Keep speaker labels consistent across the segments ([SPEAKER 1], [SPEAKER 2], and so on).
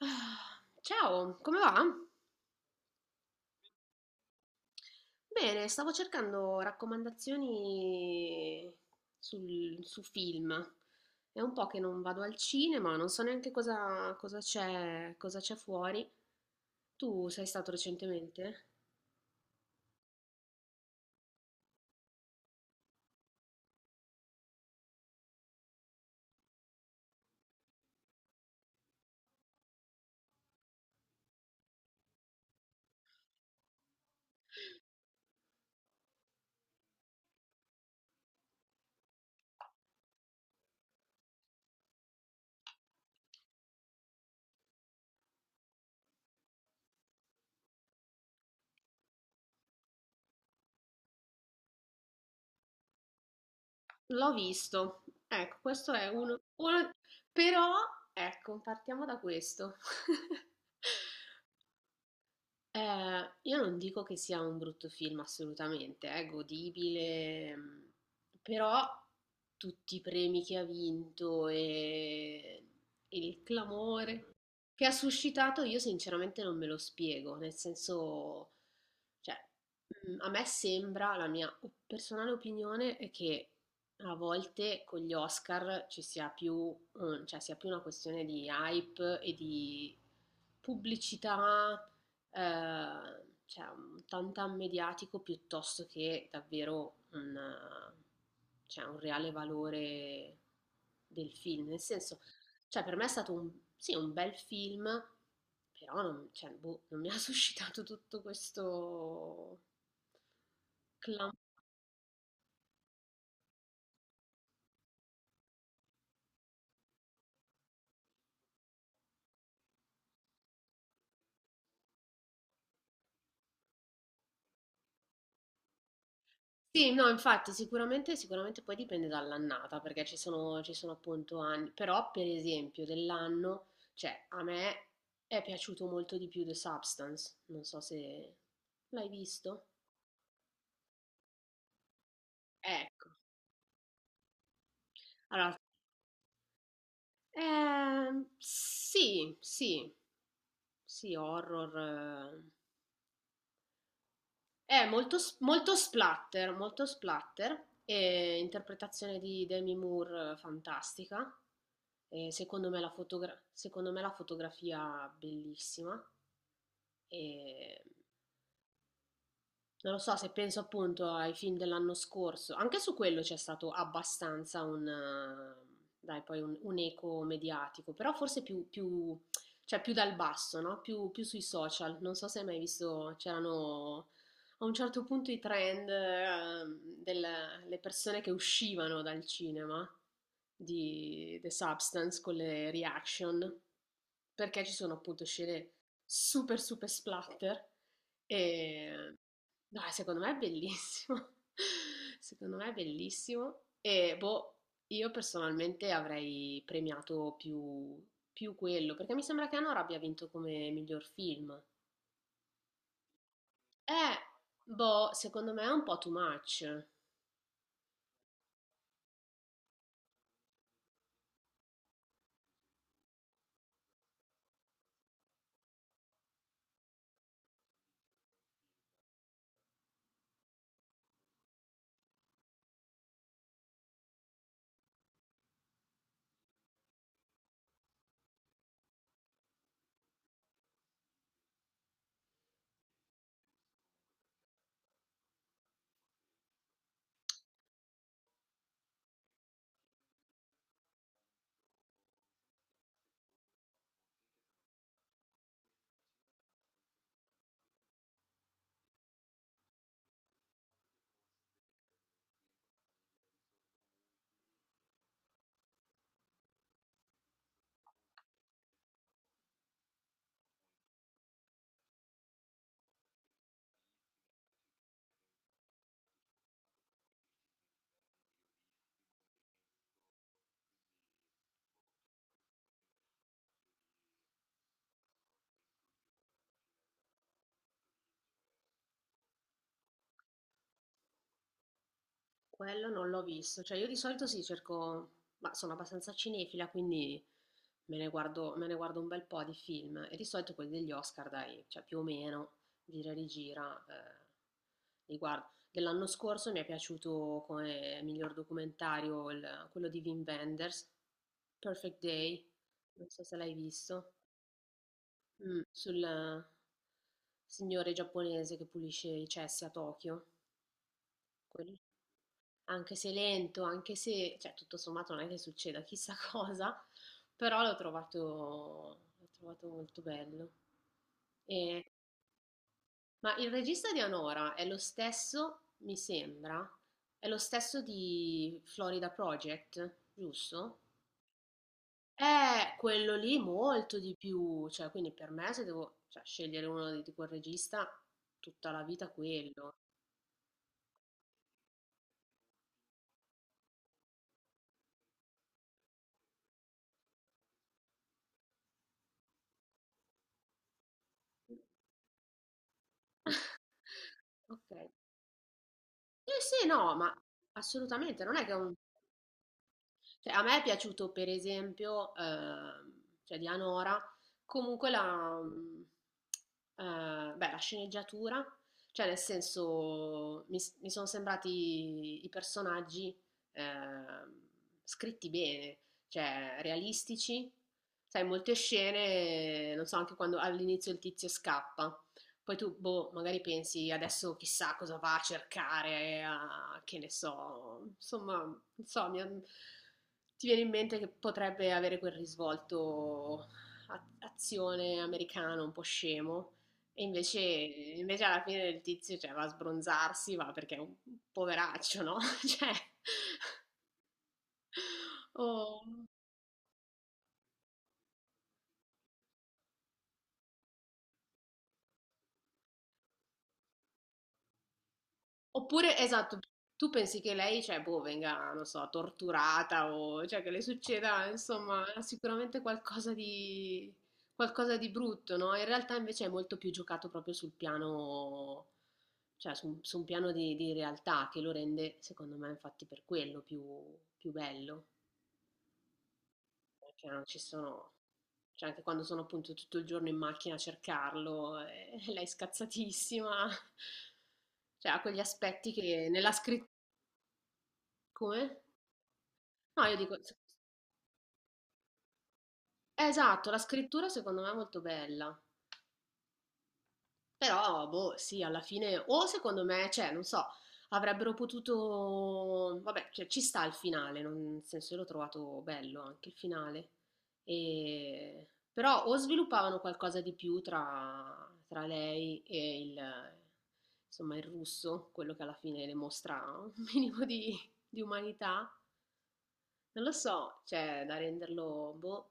[SPEAKER 1] Ah, ciao, come va? Bene, stavo cercando raccomandazioni su film. È un po' che non vado al cinema, non so neanche cosa c'è fuori. Tu sei stato recentemente? L'ho visto. Ecco, questo è uno. Però, ecco, partiamo da questo. Io non dico che sia un brutto film assolutamente, è godibile, però tutti i premi che ha vinto e il clamore che ha suscitato io sinceramente non me lo spiego, nel senso, cioè, a me sembra, la mia personale opinione è che a volte con gli Oscar ci sia più, cioè, sia più una questione di hype e di pubblicità cioè un tantan mediatico piuttosto che davvero un, cioè, un reale valore del film. Nel senso, cioè per me è stato un, sì, un bel film, però non, cioè, boh, non mi ha suscitato tutto questo clamore. Sì, no, infatti sicuramente poi dipende dall'annata, perché ci sono appunto anni, però per esempio dell'anno, cioè a me è piaciuto molto di più The Substance, non so se l'hai visto. Ecco, allora, sì, sì, horror, eh, è molto, molto splatter, e interpretazione di Demi Moore fantastica, e secondo me la secondo me la fotografia bellissima, e non lo so, se penso appunto ai film dell'anno scorso, anche su quello c'è stato abbastanza un, dai, poi un eco mediatico, però forse cioè più dal basso, no? Più, più sui social. Non so se hai mai visto, c'erano a un certo punto i trend, delle persone che uscivano dal cinema di The Substance con le reaction perché ci sono appunto scene super super splatter e no, secondo me è bellissimo. Secondo me è bellissimo e boh, io personalmente avrei premiato più, più quello, perché mi sembra che Anora abbia vinto come miglior film. Boh, secondo me è un po' too much. Quello non l'ho visto, cioè io di solito sì, cerco, ma sono abbastanza cinefila, quindi me ne guardo un bel po' di film e di solito quelli degli Oscar, dai, cioè più o meno, gira e rigira, li guardo. Dell'anno scorso mi è piaciuto come miglior documentario quello di Wim Wenders, Perfect Day, non so se l'hai visto. Mm, sul signore giapponese che pulisce i cessi a Tokyo. Quello anche se lento, anche se, cioè tutto sommato non è che succeda chissà cosa, però l'ho trovato molto bello. E- ma il regista di Anora è lo stesso, mi sembra, è lo stesso di Florida Project, giusto? Quello lì molto di più, cioè quindi per me se devo cioè, scegliere di quel regista, tutta la vita quello. Ok. Sì, sì, no, ma assolutamente, non è che è un... Cioè, a me è piaciuto, per esempio, cioè di Anora, comunque la, beh, la sceneggiatura, cioè nel senso mi, mi sono sembrati i personaggi ehm, scritti bene, cioè realistici. Sai, molte scene, non so, anche quando all'inizio il tizio scappa. Poi tu, boh, magari pensi adesso chissà cosa va a cercare, che ne so, insomma, non so, mi- ti viene in mente che potrebbe avere quel risvolto azione americano un po' scemo, e invece alla fine del tizio cioè, va a sbronzarsi, va perché è un poveraccio, no? Cioè, o- oppure, esatto, tu pensi che lei, cioè, boh, venga, non so, torturata o cioè, che le succeda, insomma, sicuramente qualcosa di brutto, no? In realtà invece è molto più giocato proprio sul piano. Cioè su un piano di realtà che lo rende, secondo me, infatti per quello più bello, perché non ci sono cioè anche quando sono appunto tutto il giorno in macchina a cercarlo e lei è scazzatissima. Cioè ha quegli aspetti che nella scri come? No io dico s esatto, la scrittura secondo me è molto bella. Però, boh, sì, alla fine, o secondo me, cioè, non so, avrebbero potuto, vabbè, cioè, ci sta il finale, non- nel senso, io l'ho trovato bello anche il finale, E- però o sviluppavano qualcosa di più tra lei e il, insomma, il russo, quello che alla fine le mostra un minimo di umanità, non lo so, cioè, da renderlo, boh,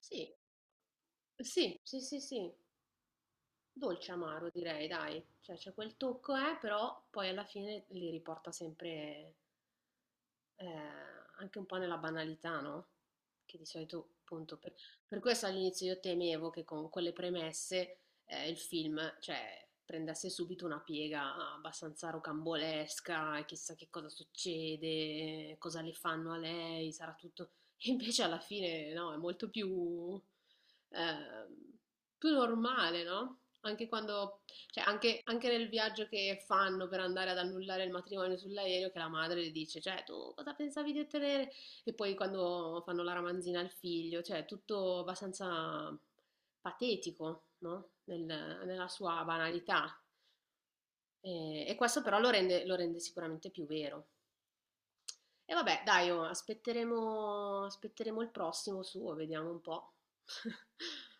[SPEAKER 1] sì, sì, sì. Dolce amaro direi dai, cioè c'è quel tocco, però poi alla fine li riporta sempre eh, anche un po' nella banalità, no? Che di solito, appunto, per questo all'inizio io temevo che con quelle premesse il film, cioè, prendesse subito una piega abbastanza rocambolesca, e chissà che cosa succede, cosa le fanno a lei, sarà tutto... E invece alla fine, no, è molto più, eh, più normale, no? Anche quando cioè, anche nel viaggio che fanno per andare ad annullare il matrimonio sull'aereo, che la madre le dice, cioè, tu cosa pensavi di ottenere? E poi quando fanno la ramanzina al figlio, cioè, tutto abbastanza patetico, no? Nella sua banalità. E questo però lo rende sicuramente più vero. E vabbè, dai, oh, aspetteremo il prossimo suo, vediamo un po'.